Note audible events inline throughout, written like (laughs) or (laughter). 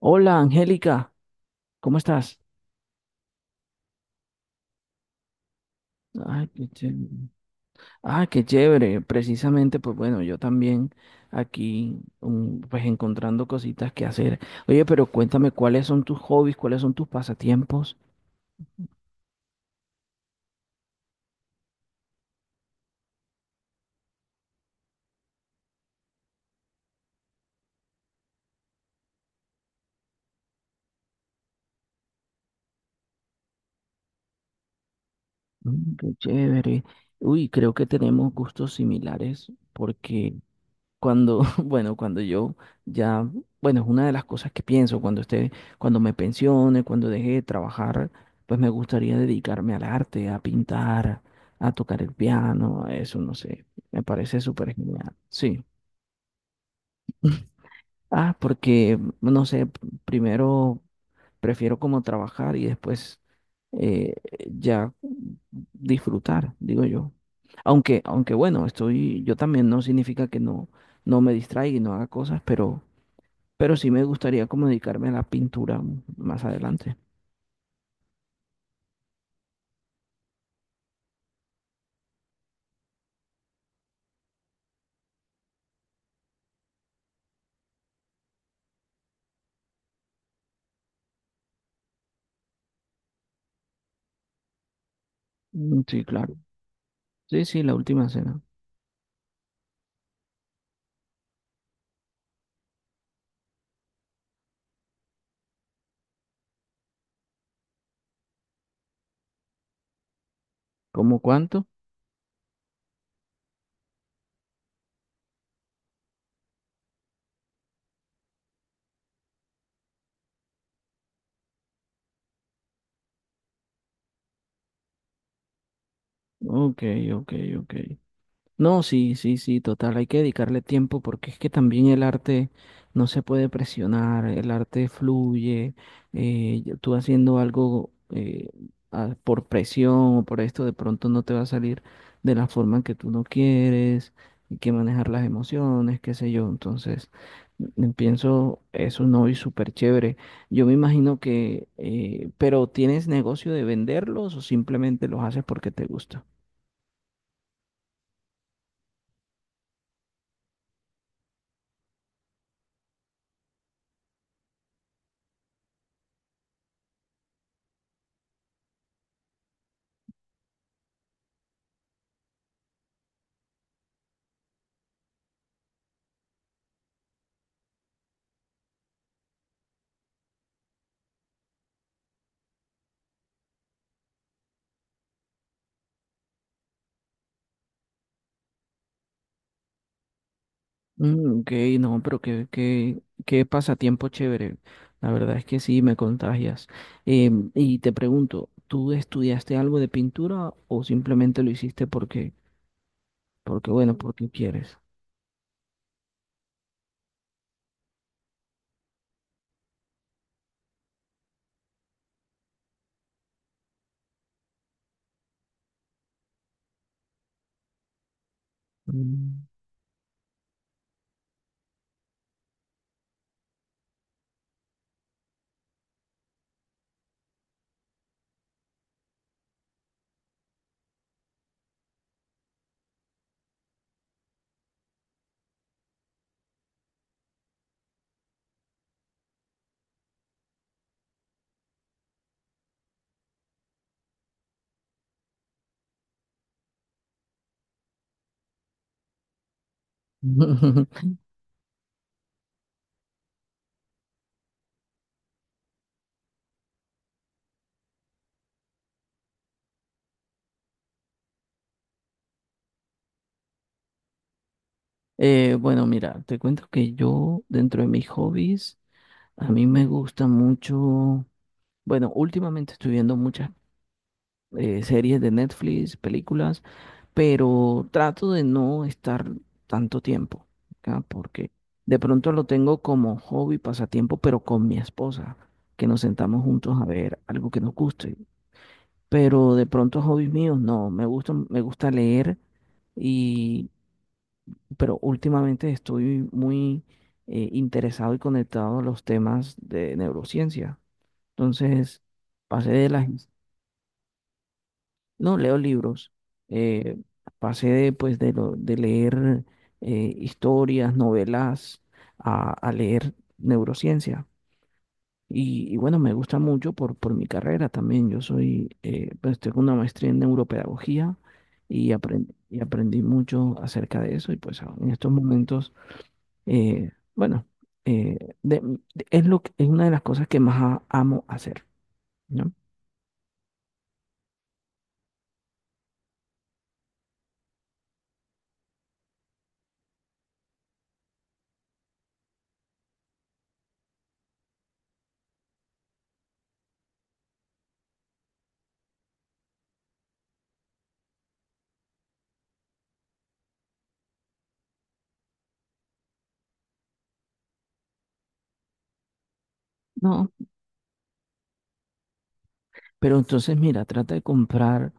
Hola, Angélica, ¿cómo estás? Ay, qué chévere. Ah, qué chévere. Precisamente, pues bueno, yo también aquí, pues encontrando cositas que hacer. Oye, pero cuéntame, ¿cuáles son tus hobbies? ¿Cuáles son tus pasatiempos? Mm, qué chévere. Uy, creo que tenemos gustos similares porque (laughs) bueno, cuando yo ya, bueno, es una de las cosas que pienso, cuando esté, cuando me pensione, cuando deje de trabajar, pues me gustaría dedicarme al arte, a pintar, a tocar el piano, a eso, no sé, me parece súper genial. Sí. Ah, porque, no sé, primero prefiero como trabajar y después eh, ya disfrutar, digo yo. Aunque bueno, estoy, yo también no significa que no, no me distraiga y no haga cosas, pero sí me gustaría como dedicarme a la pintura más adelante. Mm, sí, claro. Sí, sí, la última cena. ¿Cómo cuánto? Ok, ok, ok. No, sí, sí, sí, total, hay que dedicarle tiempo porque es que también el arte no se puede presionar, el arte fluye, y tú haciendo algo por presión o por esto de pronto no te va a salir de la forma en que tú no quieres, hay que manejar las emociones, qué sé yo, entonces mm, mm, pienso es un hobby súper chévere. Yo me imagino que, pero ¿tienes negocio de venderlos o simplemente los haces porque te gusta? Mm, ok, no, pero qué, qué, qué pasatiempo chévere. La verdad es que sí, me contagias. Y te pregunto, ¿tú estudiaste algo de pintura o simplemente lo hiciste porque, porque bueno, porque quieres? Mm. (laughs) Bueno, mira, te cuento que yo, dentro de mis hobbies, a mí me gusta mucho, bueno, últimamente estoy viendo muchas series de Netflix, películas, pero trato de no estar tanto tiempo acá porque de pronto lo tengo como hobby, pasatiempo, pero con mi esposa, que nos sentamos juntos a ver algo que nos guste. Pero de pronto hobbies míos, no, me gusta leer y, pero últimamente estoy muy interesado y conectado a los temas de neurociencia. Entonces, pasé de las. No, leo libros. Eh, pasé de, pues, de, de leer historias, novelas, a leer neurociencia. Y bueno, me gusta mucho por mi carrera también. Yo soy, pues tengo una maestría en neuropedagogía y aprendí mucho acerca de eso. Y pues en estos momentos, bueno, eh, de- es lo, es una de las cosas que más amo hacer, ¿no? No, pero entonces, mira, trata de comprar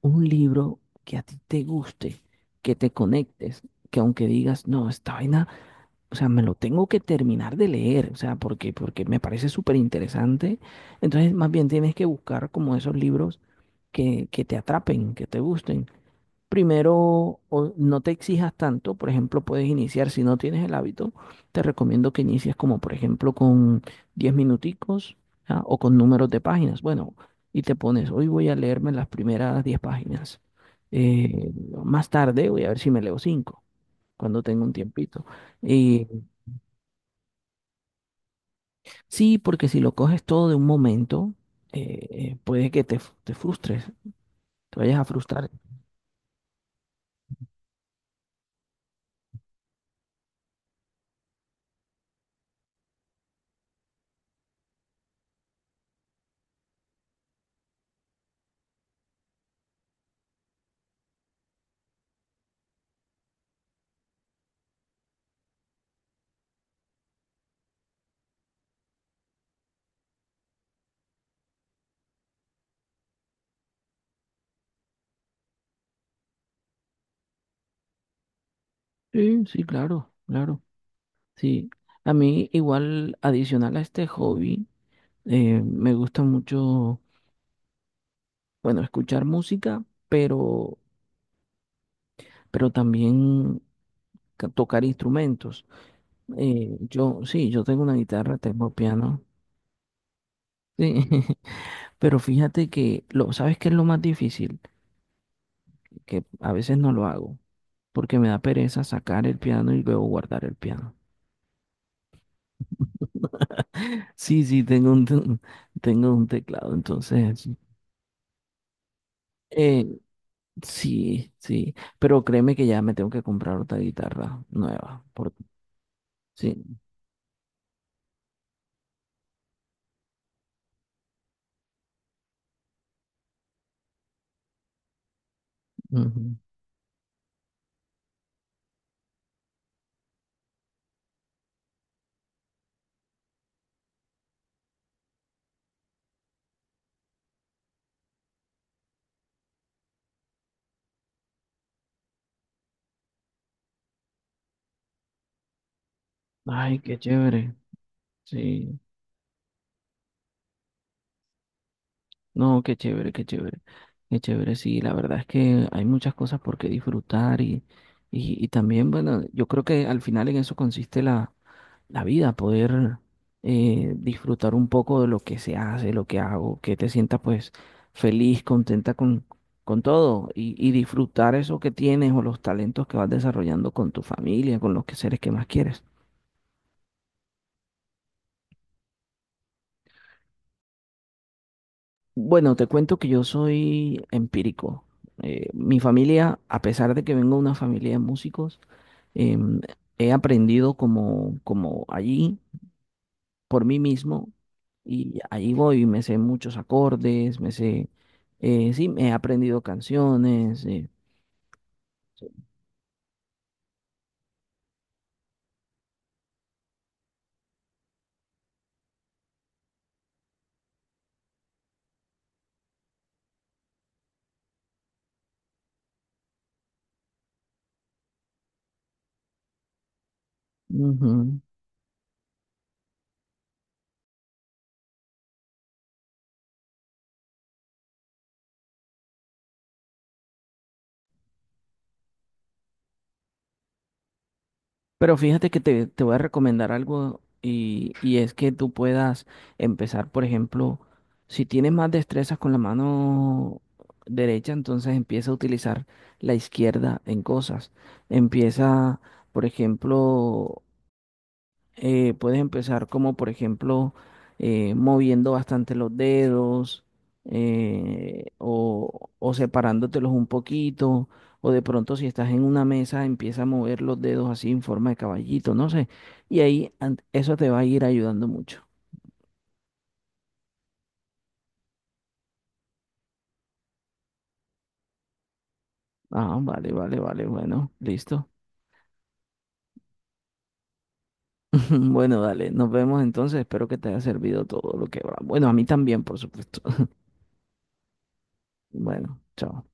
un libro que a ti te guste, que te conectes, que aunque digas, no, esta vaina, o sea, me lo tengo que terminar de leer, o sea, porque, porque me parece súper interesante. Entonces, más bien tienes que buscar como esos libros que te atrapen, que te gusten. Primero, o no te exijas tanto, por ejemplo, puedes iniciar, si no tienes el hábito, te recomiendo que inicies como, por ejemplo, con 10 minuticos, ¿ya? O con números de páginas. Bueno, y te pones, hoy voy a leerme las primeras 10 páginas. Eh, más tarde voy a ver si me leo 5 cuando tenga un tiempito. Y sí, porque si lo coges todo de un momento, puede que te frustres, te vayas a frustrar. Sí, sí, claro, claro. Sí, a mí igual adicional a este hobby, me gusta mucho, bueno, escuchar música, pero, pero también tocar instrumentos. Yo, sí, yo tengo una guitarra, tengo piano, sí, (laughs) pero fíjate que, lo, ¿sabes qué es lo más difícil? Que a veces no lo hago, porque me da pereza sacar el piano y luego guardar el piano. Sí, sí, tengo un, (laughs) tengo un teclado, entonces, eh, sí, sí, pero créeme que ya me tengo que comprar otra guitarra nueva, por- sí. Ujú. Ay, qué chévere, sí, no, qué chévere, qué chévere, qué chévere, sí, la verdad es que hay muchas cosas por qué disfrutar y también, bueno, yo creo que al final en eso consiste la la vida, poder disfrutar un poco de lo que se hace, lo que hago, que te sientas pues feliz, contenta con todo y disfrutar eso que tienes o los talentos que vas desarrollando con tu familia, con los que seres que más quieres. Bueno, te cuento que yo soy empírico. Mi familia, a pesar de que vengo de una familia de músicos, em, he aprendido como, como allí, por mí mismo y ahí voy, me sé muchos acordes, me sé, sí, me he aprendido canciones. Ujú. Pero fíjate que te voy a recomendar algo y es que tú puedas empezar, por ejemplo, si tienes más destrezas con la mano derecha, entonces empieza a utilizar la izquierda en cosas. Empieza, por ejemplo, puedes empezar como, por ejemplo, moviendo bastante los dedos o separándotelos un poquito. O de pronto si estás en una mesa, empieza a mover los dedos así en forma de caballito, no sé. Y ahí eso te va a ir ayudando mucho. Ah, vale, vale, vale, bueno, listo. (laughs) Bueno, dale, nos vemos entonces. Espero que te haya servido todo lo que va. Bueno, a mí también, por supuesto. (laughs) Bueno, chao.